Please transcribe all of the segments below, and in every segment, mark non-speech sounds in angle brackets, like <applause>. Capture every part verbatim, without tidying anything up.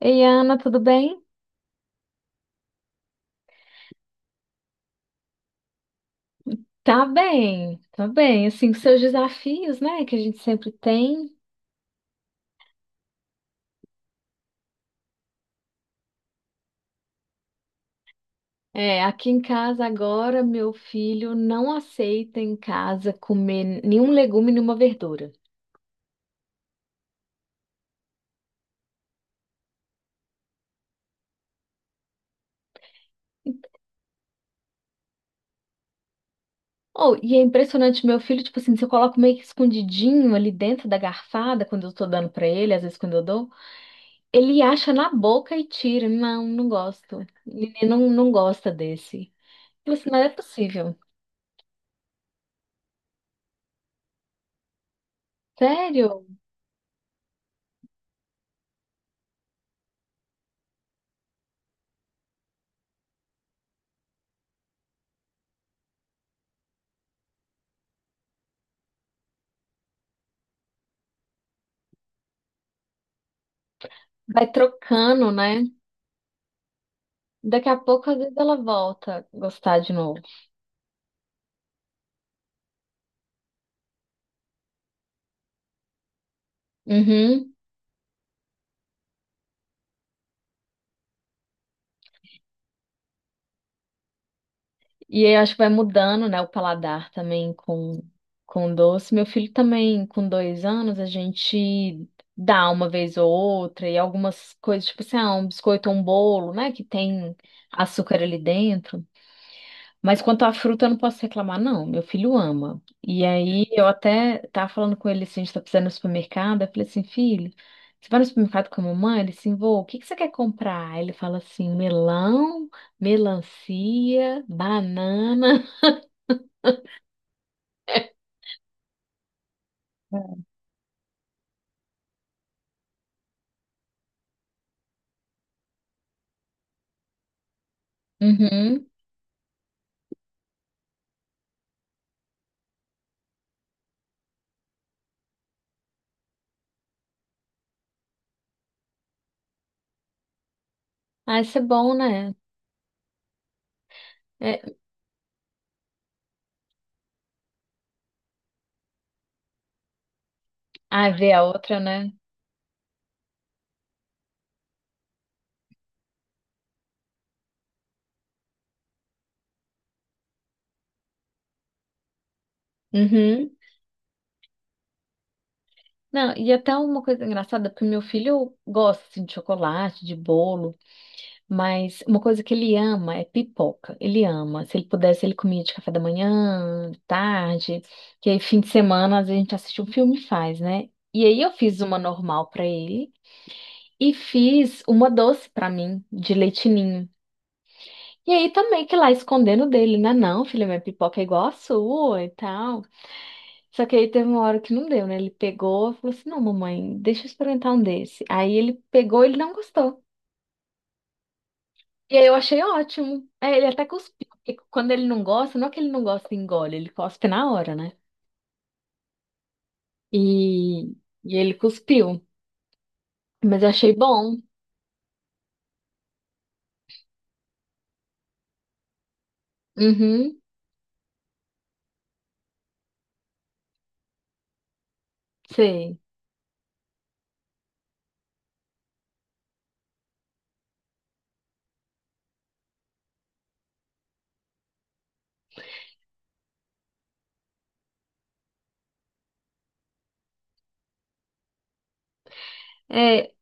Ei, Ana, tudo bem? Tá bem, tá bem. Assim, com seus desafios, né, que a gente sempre tem. É, aqui em casa agora, meu filho não aceita em casa comer nenhum legume, nenhuma verdura. Oh, e é impressionante, meu filho, tipo assim, se eu coloco meio que escondidinho ali dentro da garfada, quando eu tô dando pra ele, às vezes quando eu dou, ele acha na boca e tira. Não, não gosto. Menino não, não gosta desse. Eu falei assim, mas é possível. Sério? Vai trocando, né? Daqui a pouco, às vezes, ela volta a gostar de novo. Uhum. E aí, eu acho que vai mudando, né, o paladar também com, com doce. Meu filho também, com dois anos, a gente dá uma vez ou outra, e algumas coisas, tipo assim, ah, um biscoito ou um bolo, né, que tem açúcar ali dentro. Mas quanto à fruta, eu não posso reclamar, não. Meu filho ama. E aí eu até tava falando com ele assim, a gente tá precisando ir no supermercado. Eu falei assim, filho, você vai no supermercado com a mamãe? Ele assim, vô, o que que você quer comprar? Aí ele fala assim, melão, melancia, banana. <laughs> Uhum. Ah, isso é bom, né? É... Ah, ver a outra, né? Uhum. Não, e até uma coisa engraçada, porque meu filho gosta assim, de chocolate, de bolo. Mas uma coisa que ele ama é pipoca. Ele ama. Se ele pudesse, ele comia de café da manhã, de tarde. Que aí, fim de semana, às vezes a gente assiste um filme e faz, né? E aí eu fiz uma normal pra ele e fiz uma doce pra mim, de leite ninho. E aí também que lá escondendo dele, né? Não, filha, minha pipoca é igual a sua e tal. Só que aí teve uma hora que não deu, né? Ele pegou e falou assim: não, mamãe, deixa eu experimentar um desse. Aí ele pegou, ele não gostou. E aí eu achei ótimo. É, ele até cuspiu, porque quando ele não gosta, não é que ele não gosta e engole, ele cospe na hora, né? E, e ele cuspiu. Mas eu achei bom. Uhum, sei. É,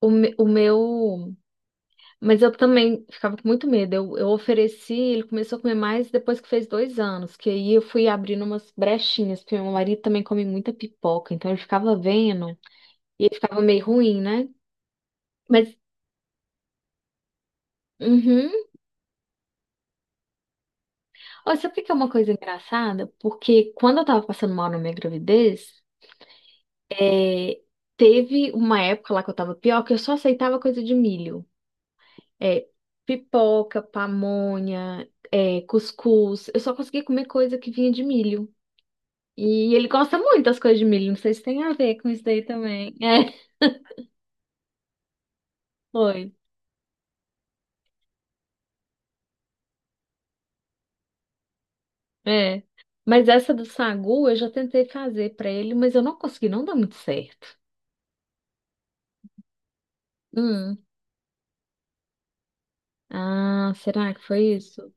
o, me- o meu. Mas eu também ficava com muito medo. Eu, eu ofereci, ele começou a comer mais depois que fez dois anos, que aí eu fui abrindo umas brechinhas, porque meu marido também come muita pipoca, então ele ficava vendo e ele ficava meio ruim, né? Mas. Uhum. Olha, sabe o que que é uma coisa engraçada? Porque quando eu tava passando mal na minha gravidez, é, teve uma época lá que eu tava pior, que eu só aceitava coisa de milho. É, pipoca, pamonha, é, cuscuz. Eu só conseguia comer coisa que vinha de milho. E ele gosta muito das coisas de milho. Não sei se tem a ver com isso daí também. <laughs> É, foi. É. Mas essa do sagu eu já tentei fazer pra ele, mas eu não consegui, não dá muito certo. Hum. Ah, será que foi isso?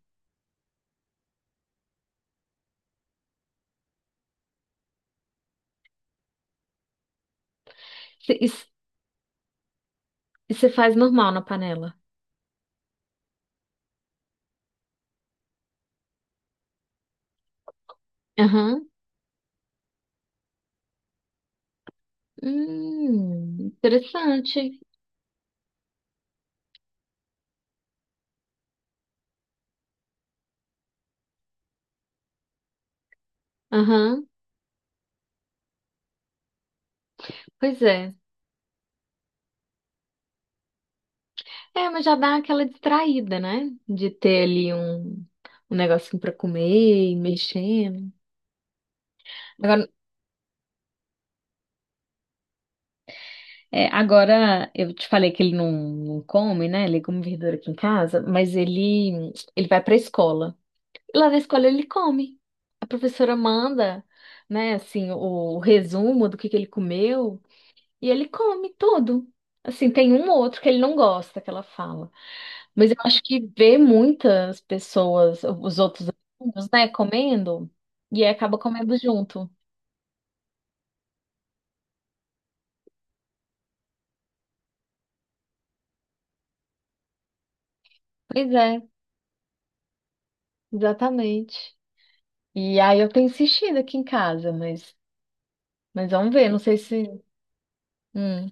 E você faz normal na panela? Aham. Hum, interessante. Aham. Pois é. É, mas já dá aquela distraída, né? De ter ali um, um negocinho pra comer, e mexendo. Agora, é, agora, eu te falei que ele não, não come, né? Ele come verdura aqui em casa, mas ele, ele vai pra escola. E lá na escola ele come. A professora manda, né, assim, o, o resumo do que que ele comeu. E ele come tudo. Assim, tem um ou outro que ele não gosta que ela fala. Mas eu acho que vê muitas pessoas, os outros amigos, né, comendo, e aí acaba comendo junto. Pois é, exatamente. E aí eu tenho insistido aqui em casa, mas, mas vamos ver, não sei se. Hum,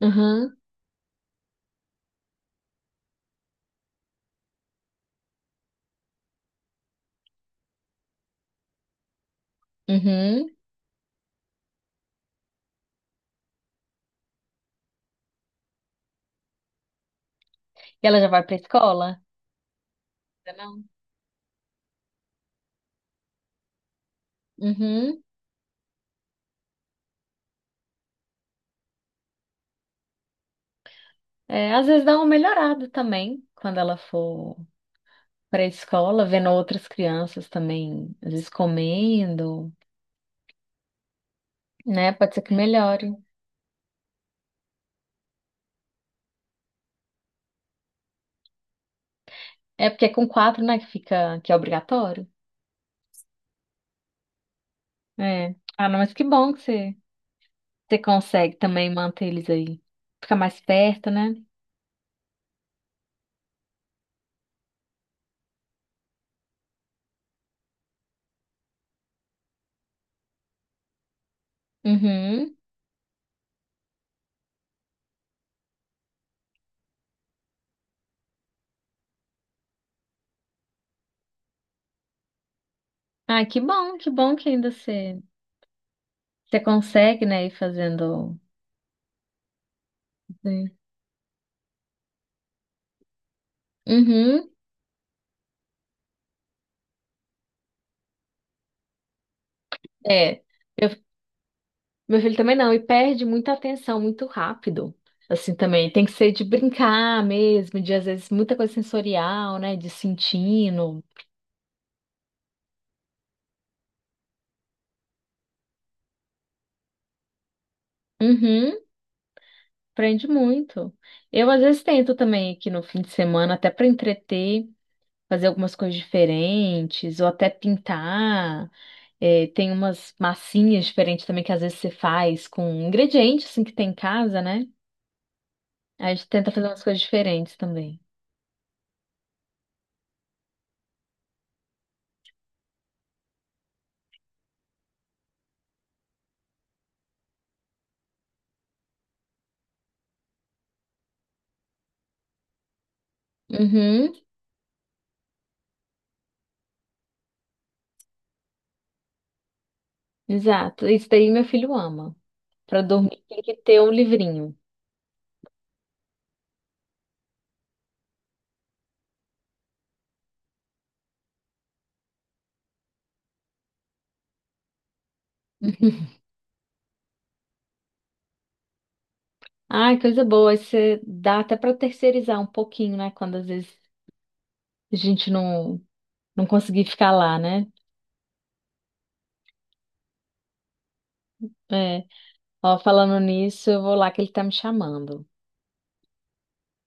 uhum, uhum. E ela já vai pra escola? Ainda não. Uhum. É, às vezes dá uma melhorada também quando ela for para a escola, vendo outras crianças também, às vezes comendo, né? Pode ser que melhore. É porque é com quatro, né, que fica, que é obrigatório. É. Ah, não, mas que bom que você, você consegue também manter eles aí. Fica mais perto, né? Uhum. Ah, que bom, que bom que ainda você, você consegue, né, ir fazendo. Sim. Uhum. É. Eu meu filho também não, e perde muita atenção muito rápido. Assim também, tem que ser de brincar mesmo, de às vezes muita coisa sensorial, né? De sentindo. Uhum, prende muito. Eu às vezes tento também aqui no fim de semana, até para entreter, fazer algumas coisas diferentes, ou até pintar. É, tem umas massinhas diferentes também que às vezes você faz com ingredientes assim que tem em casa, né? Aí a gente tenta fazer umas coisas diferentes também. Uhum, exato. Isso daí meu filho ama. Para dormir, tem que ter um livrinho. Ai, coisa boa. Aí você dá até para terceirizar um pouquinho, né? Quando às vezes a gente não, não conseguir ficar lá, né? É. Ó, falando nisso, eu vou lá que ele tá me chamando.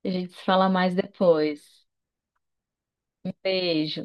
A gente se fala mais depois. Beijo.